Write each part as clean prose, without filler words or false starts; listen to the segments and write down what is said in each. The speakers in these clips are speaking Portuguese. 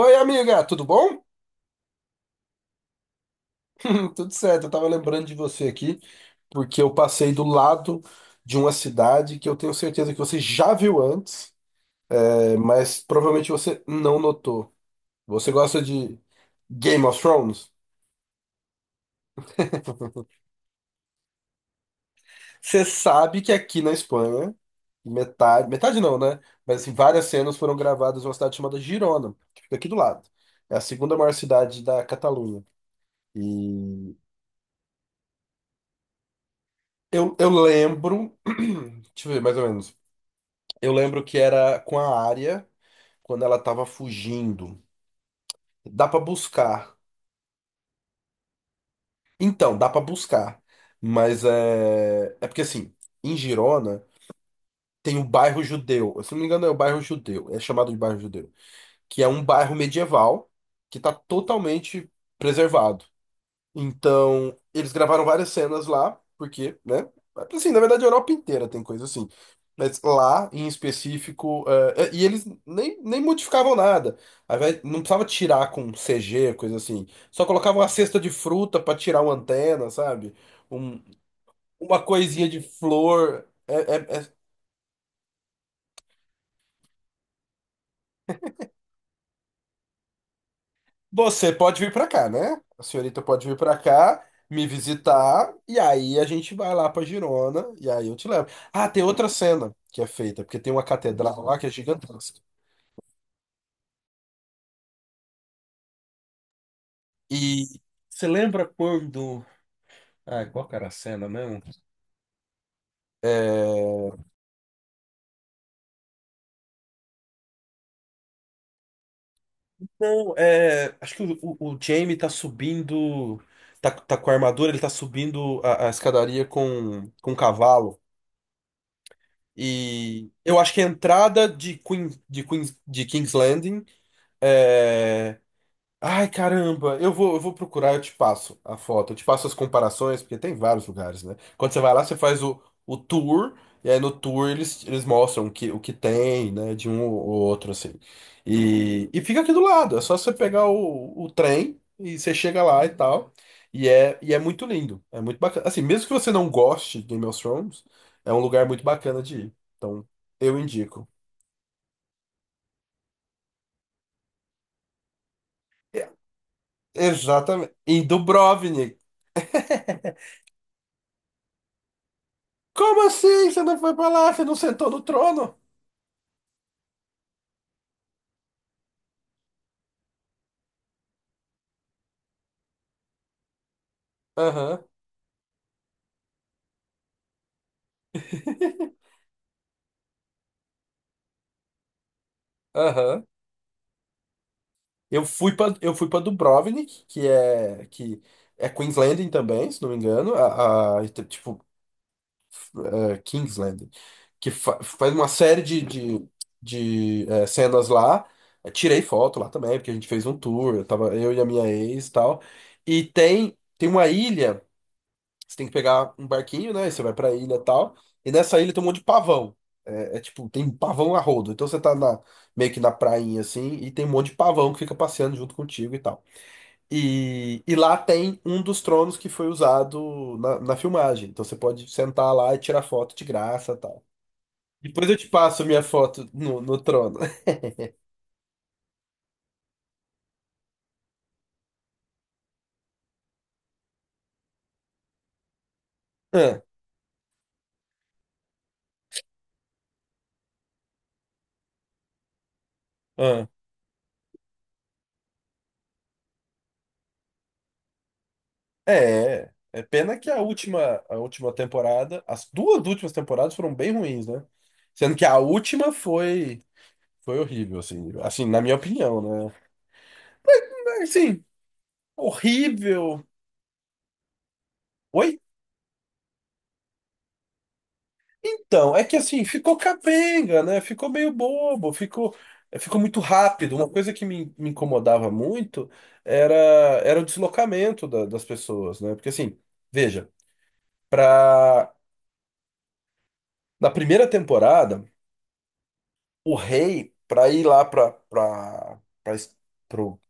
Oi, amiga, tudo bom? Tudo certo, eu tava lembrando de você aqui, porque eu passei do lado de uma cidade que eu tenho certeza que você já viu antes, é, mas provavelmente você não notou. Você gosta de Game of Thrones? Você sabe que aqui na Espanha, metade, metade não, né? Mas assim, várias cenas foram gravadas em uma cidade chamada Girona, que fica aqui do lado. É a segunda maior cidade da Catalunha. E eu lembro, deixa eu ver mais ou menos. Eu lembro que era com a área quando ela tava fugindo. Dá pra buscar. Então, dá pra buscar. Mas é. É porque assim, em Girona tem o bairro Judeu. Se não me engano, é o bairro Judeu. É chamado de bairro Judeu. Que é um bairro medieval que tá totalmente preservado. Então, eles gravaram várias cenas lá, porque, né? Assim, na verdade, a Europa inteira tem coisa assim. Mas lá, em específico, e eles nem modificavam nada. Ao invés- não precisava tirar com CG, coisa assim. Só colocavam uma cesta de fruta pra tirar uma antena, sabe? Um- uma coisinha de flor. É, é- é você pode vir pra cá, né? A senhorita pode vir pra cá, me visitar, e aí a gente vai lá pra Girona, e aí eu te levo. Ah, tem outra cena que é feita, porque tem uma catedral lá que é gigantesca. E você lembra quando. Ah, qual que era a cena mesmo? É... Não, é. Acho que o Jamie tá subindo. Tá com a armadura, ele tá subindo a escadaria com um cavalo. E eu acho que a entrada de, Queen, de, Queen, de King's Landing. É... Ai, caramba, eu vou procurar, eu te passo a foto, eu te passo as comparações, porque tem vários lugares, né? Quando você vai lá, você faz o tour, e aí no tour eles, eles mostram o que tem, né, de um ou outro, assim. E fica aqui do lado, é só você pegar o trem e você chega lá e tal. E é muito lindo, é muito bacana. Assim, mesmo que você não goste de Game of Thrones, é um lugar muito bacana de ir. Então, eu indico. É, exatamente. Em Dubrovnik. Como assim? Você não foi pra lá? Você não sentou no trono? Aham, aham. Eu fui para Dubrovnik, que é Queensland também, se não me engano, a- tipo é, Kingsland, que fa- faz uma série de é, cenas lá. Eu tirei foto lá também, porque a gente fez um tour, eu tava eu e a minha ex e tal. E tem uma ilha você tem que pegar um barquinho, né? E você vai pra ilha e tal. E nessa ilha tem um monte de pavão. É, é tipo, tem pavão a rodo. Então você tá na, meio que na prainha assim, e tem um monte de pavão que fica passeando junto contigo e tal. E lá tem um dos tronos que foi usado na filmagem. Então você pode sentar lá e tirar foto de graça e tal. Depois eu te passo minha foto no trono. Ah, ah. É, é pena que a última temporada, as duas últimas temporadas foram bem ruins, né? Sendo que a última foi. Foi horrível, assim. Assim, na minha opinião, né? Mas, assim, horrível. Oi? Então, é que assim, ficou capenga, né? Ficou meio bobo, ficou, ficou muito rápido. Uma coisa que me incomodava muito era, era o deslocamento da- das pessoas, né? Porque assim, veja, pra, na primeira temporada, o rei, pra ir lá pra es- pro,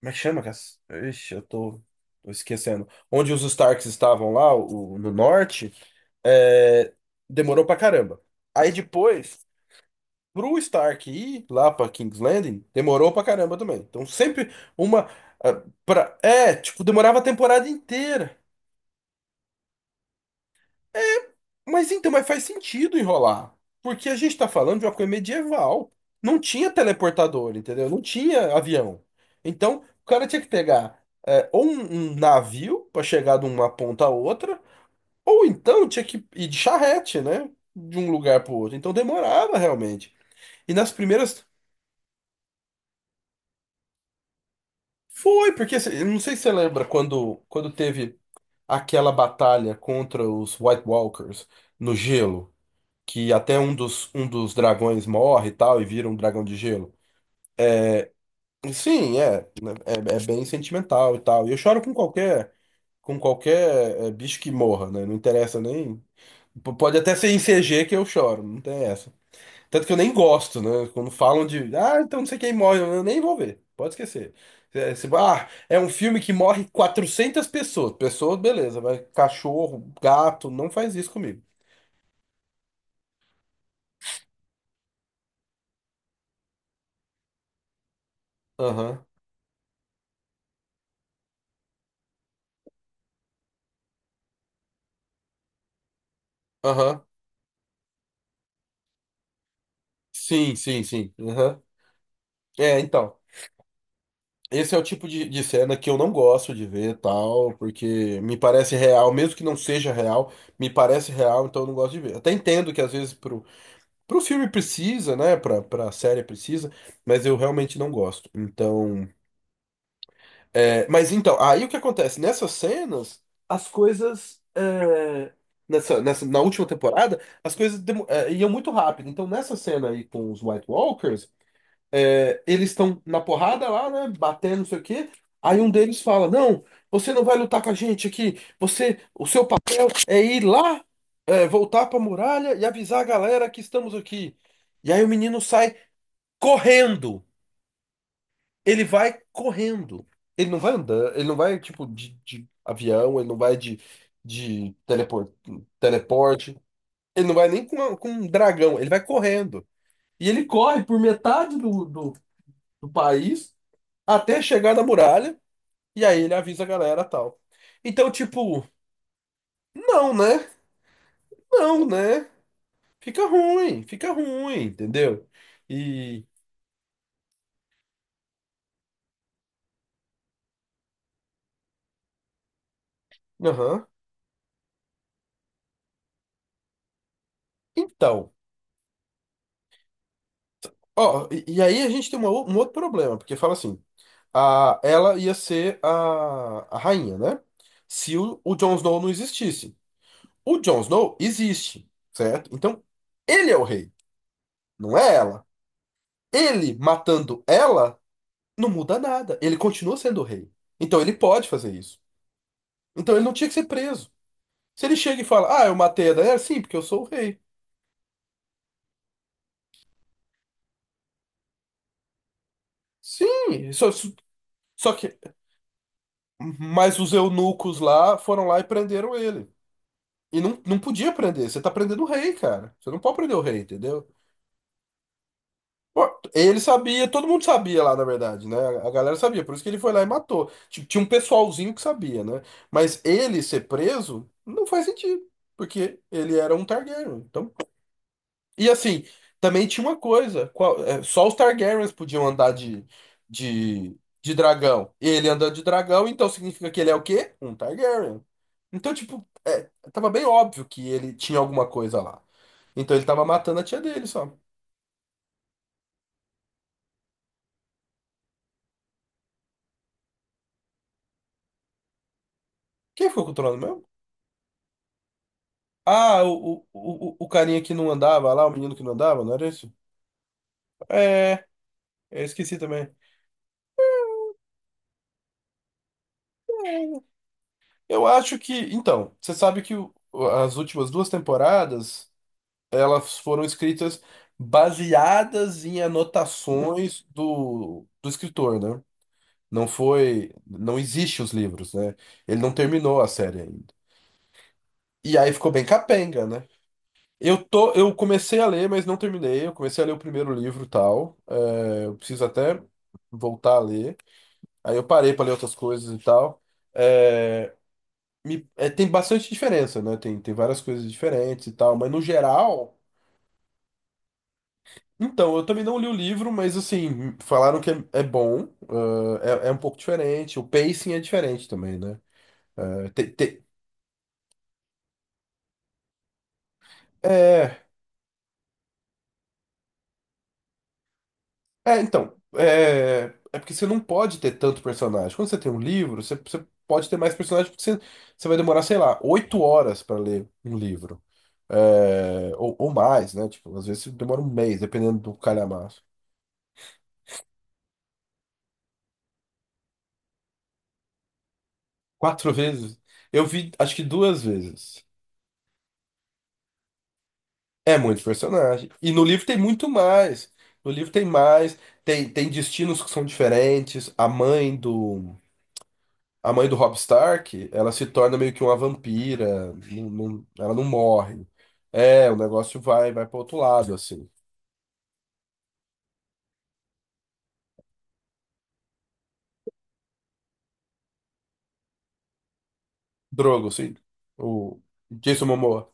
como é que chama? Cass? Ixi, tô esquecendo. Onde os Starks estavam lá, o- no norte. É, demorou pra caramba. Aí depois, pro Stark ir lá pra King's Landing, demorou pra caramba também. Então sempre uma. Ah, pra- é, tipo, demorava a temporada inteira. É, mas então, mas faz sentido enrolar. Porque a gente tá falando de uma coisa medieval. Não tinha teleportador, entendeu? Não tinha avião. Então, o cara tinha que pegar é, ou um navio pra chegar de uma ponta a outra, ou então tinha que ir de charrete, né? De um lugar pro outro. Então demorava realmente. E nas primeiras. Foi, porque cê- eu não sei se você lembra quando teve aquela batalha contra os White Walkers no gelo, que até um dos dragões morre e tal, e vira um dragão de gelo. Sim, é, é, é bem sentimental e tal. E eu choro com qualquer bicho que morra, né? Não interessa nem. P- pode até ser em CG que eu choro, não tem essa. Tanto que eu nem gosto, né? Quando falam de, ah, então não sei quem morre, eu nem vou ver. Pode esquecer. É, se- ah, é um filme que morre 400 pessoas. Pessoas, beleza, vai. Cachorro, gato, não faz isso comigo. Aham, aham. Sim, sim, sim. Aham. É, então. Esse é o tipo de cena que eu não gosto de ver, tal, porque me parece real, mesmo que não seja real, me parece real, então eu não gosto de ver. Até entendo que às vezes pro filme precisa, né? Pra, pra série precisa, mas eu realmente não gosto. Então. É, mas então, aí o que acontece? Nessas cenas, as coisas. É, nessa, nessa, na última temporada, as coisas demo- é, iam muito rápido. Então, nessa cena aí com os White Walkers, é, eles estão na porrada lá, né? Batendo, não sei o quê. Aí um deles fala: não, você não vai lutar com a gente aqui. Você, o seu papel é ir lá, é, voltar pra muralha e avisar a galera que estamos aqui. E aí o menino sai correndo. Ele vai correndo. Ele não vai andando, ele não vai, tipo, de avião, ele não vai de telepor- teleporte, ele não vai nem com, com um dragão, ele vai correndo. E ele corre por metade do país até chegar na muralha, e aí ele avisa a galera tal. Então, tipo, não, né? Não, né? Fica ruim, entendeu? E. Aham. Então. Ó, e aí a gente tem uma ou- um outro problema, porque fala assim, a, ela ia ser a rainha, né? Se o Jon Snow não existisse. O Jon Snow existe, certo? Então, ele é o rei, não é ela. Ele matando ela não muda nada. Ele continua sendo o rei. Então, ele pode fazer isso. Então, ele não tinha que ser preso. Se ele chega e fala, ah, eu matei a Daenerys, sim, porque eu sou o rei. Sim, só, só que... Mas os eunucos lá foram lá e prenderam ele. E não, não podia prender. Você tá prendendo o rei, cara. Você não pode prender o rei, entendeu? Pô, ele sabia, todo mundo sabia lá, na verdade, né? A galera sabia, por isso que ele foi lá e matou. Ti- tinha um pessoalzinho que sabia, né? Mas ele ser preso não faz sentido, porque ele era um Targaryen. Então e assim, também tinha uma coisa, qual- é, só os Targaryens podiam andar de, de dragão. Ele anda de dragão, então significa que ele é o quê? Um Targaryen. Então, tipo, é, tava bem óbvio que ele tinha alguma coisa lá. Então ele tava matando a tia dele só. Quem ficou com o trono mesmo? Ah, o carinha que não andava lá, o menino que não andava, não era isso? É, eu esqueci também. Eu acho que. Então, você sabe que o- as últimas duas temporadas. Elas foram escritas baseadas em anotações do escritor, né? Não foi, não existe os livros, né? Ele não terminou a série ainda. E aí ficou bem capenga, né? Eu comecei a ler, mas não terminei. Eu comecei a ler o primeiro livro, e tal. É, eu preciso até voltar a ler. Aí eu parei para ler outras coisas e tal. É, me- é, tem bastante diferença, né? Tem, tem várias coisas diferentes e tal, mas no geral então, eu também não li o livro, mas assim, falaram que é, é bom, ah, é, é um pouco diferente, o pacing é diferente também, né? Ah, te- te- é, é, então, é, é porque você não pode ter tanto personagem. Quando você tem um livro, você pode ter mais personagens porque você, você vai demorar, sei lá, oito horas para ler um livro. É, ou mais, né? Tipo, às vezes demora um mês, dependendo do calhamaço. Quatro vezes? Eu vi, acho que duas vezes. É muito personagem. E no livro tem muito mais. No livro tem mais, tem, tem destinos que são diferentes. A mãe do Robb Stark, ela se torna meio que uma vampira, não- não- ela não morre. É, o negócio vai para outro lado assim. Drogo, assim, o Jason Momoa.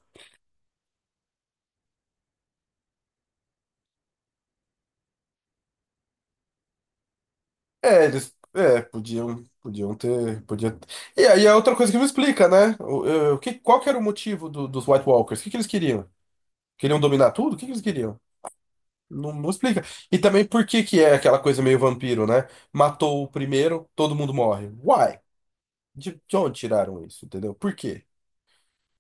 É, eles é, podiam ter, podia. E aí é outra coisa que me explica, né? O, o que, qual que era o motivo do- dos White Walkers? O que que eles queriam? Queriam dominar tudo? O que que eles queriam? Não, não explica. E também por que que é aquela coisa meio vampiro, né? Matou o primeiro, todo mundo morre. Why? De onde tiraram isso, entendeu? Por quê?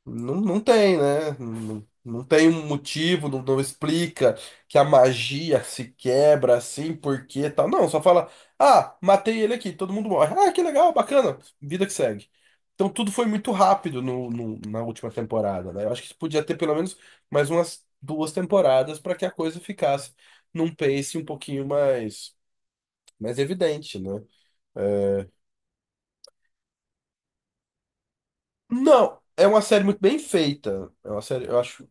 Não, não tem, né? Não, não tem um motivo, não, não explica que a magia se quebra assim, por quê, tal. Não, só fala, ah, matei ele aqui, todo mundo morre. Ah, que legal, bacana, vida que segue. Então tudo foi muito rápido no, no- na última temporada, né? Eu acho que podia ter pelo menos mais umas duas temporadas para que a coisa ficasse num pace um pouquinho mais, mais evidente, né? É, não, é uma série muito bem feita. É uma série, eu acho.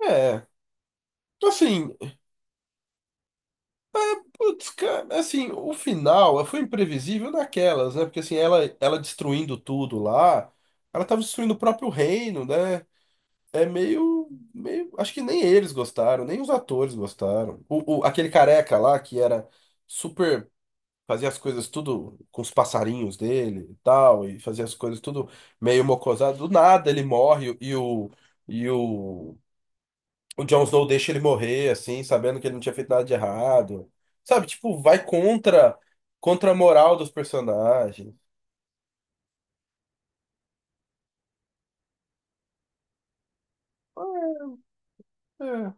É. Assim. Putz, cara, assim, o final foi imprevisível daquelas, né? Porque assim, ela destruindo tudo lá, ela tava destruindo o próprio reino, né? É meio, meio, acho que nem eles gostaram, nem os atores gostaram. O- aquele careca lá que era super, fazia as coisas tudo com os passarinhos dele e tal, e fazia as coisas tudo meio mocosado, do nada ele morre e e o o Jon Snow deixa ele morrer, assim, sabendo que ele não tinha feito nada de errado. Sabe, tipo, vai contra, contra a moral dos personagens. É,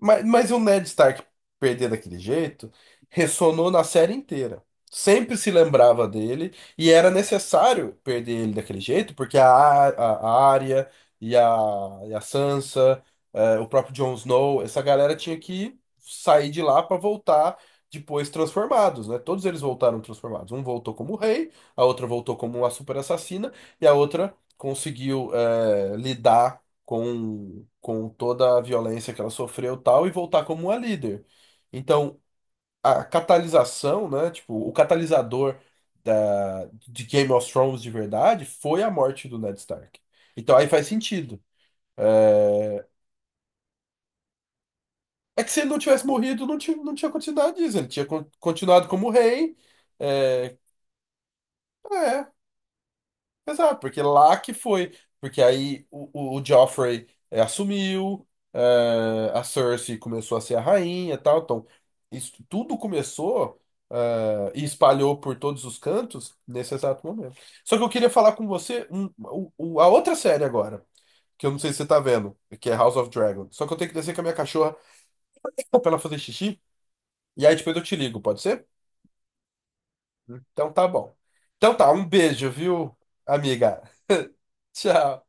mas o Ned Stark perder daquele jeito ressonou na série inteira. Sempre se lembrava dele e era necessário perder ele daquele jeito, porque a, Ar- a Arya e a, e a Sansa, o próprio Jon Snow, essa galera tinha que sair de lá para voltar depois transformados, né? Todos eles voltaram transformados. Um voltou como rei, a outra voltou como uma super assassina e a outra conseguiu, lidar com toda a violência que ela sofreu e tal, e voltar como uma líder. Então, a catalisação, né? Tipo, o catalisador da, de Game of Thrones de verdade foi a morte do Ned Stark. Então aí faz sentido. É é que se ele não tivesse morrido, não tinha, não tinha acontecido nada disso. Ele tinha con- continuado como rei. É, é. Exato, porque lá que foi. Porque aí o Joffrey assumiu, a Cersei começou a ser a rainha e tal. Então, isso tudo começou, e espalhou por todos os cantos nesse exato momento. Só que eu queria falar com você um, o- a outra série agora, que eu não sei se você tá vendo, que é House of Dragon. Só que eu tenho que descer com a minha cachorra pra ela fazer xixi. E aí depois eu te ligo, pode ser? Então tá bom. Então tá, um beijo, viu, amiga? Tchau.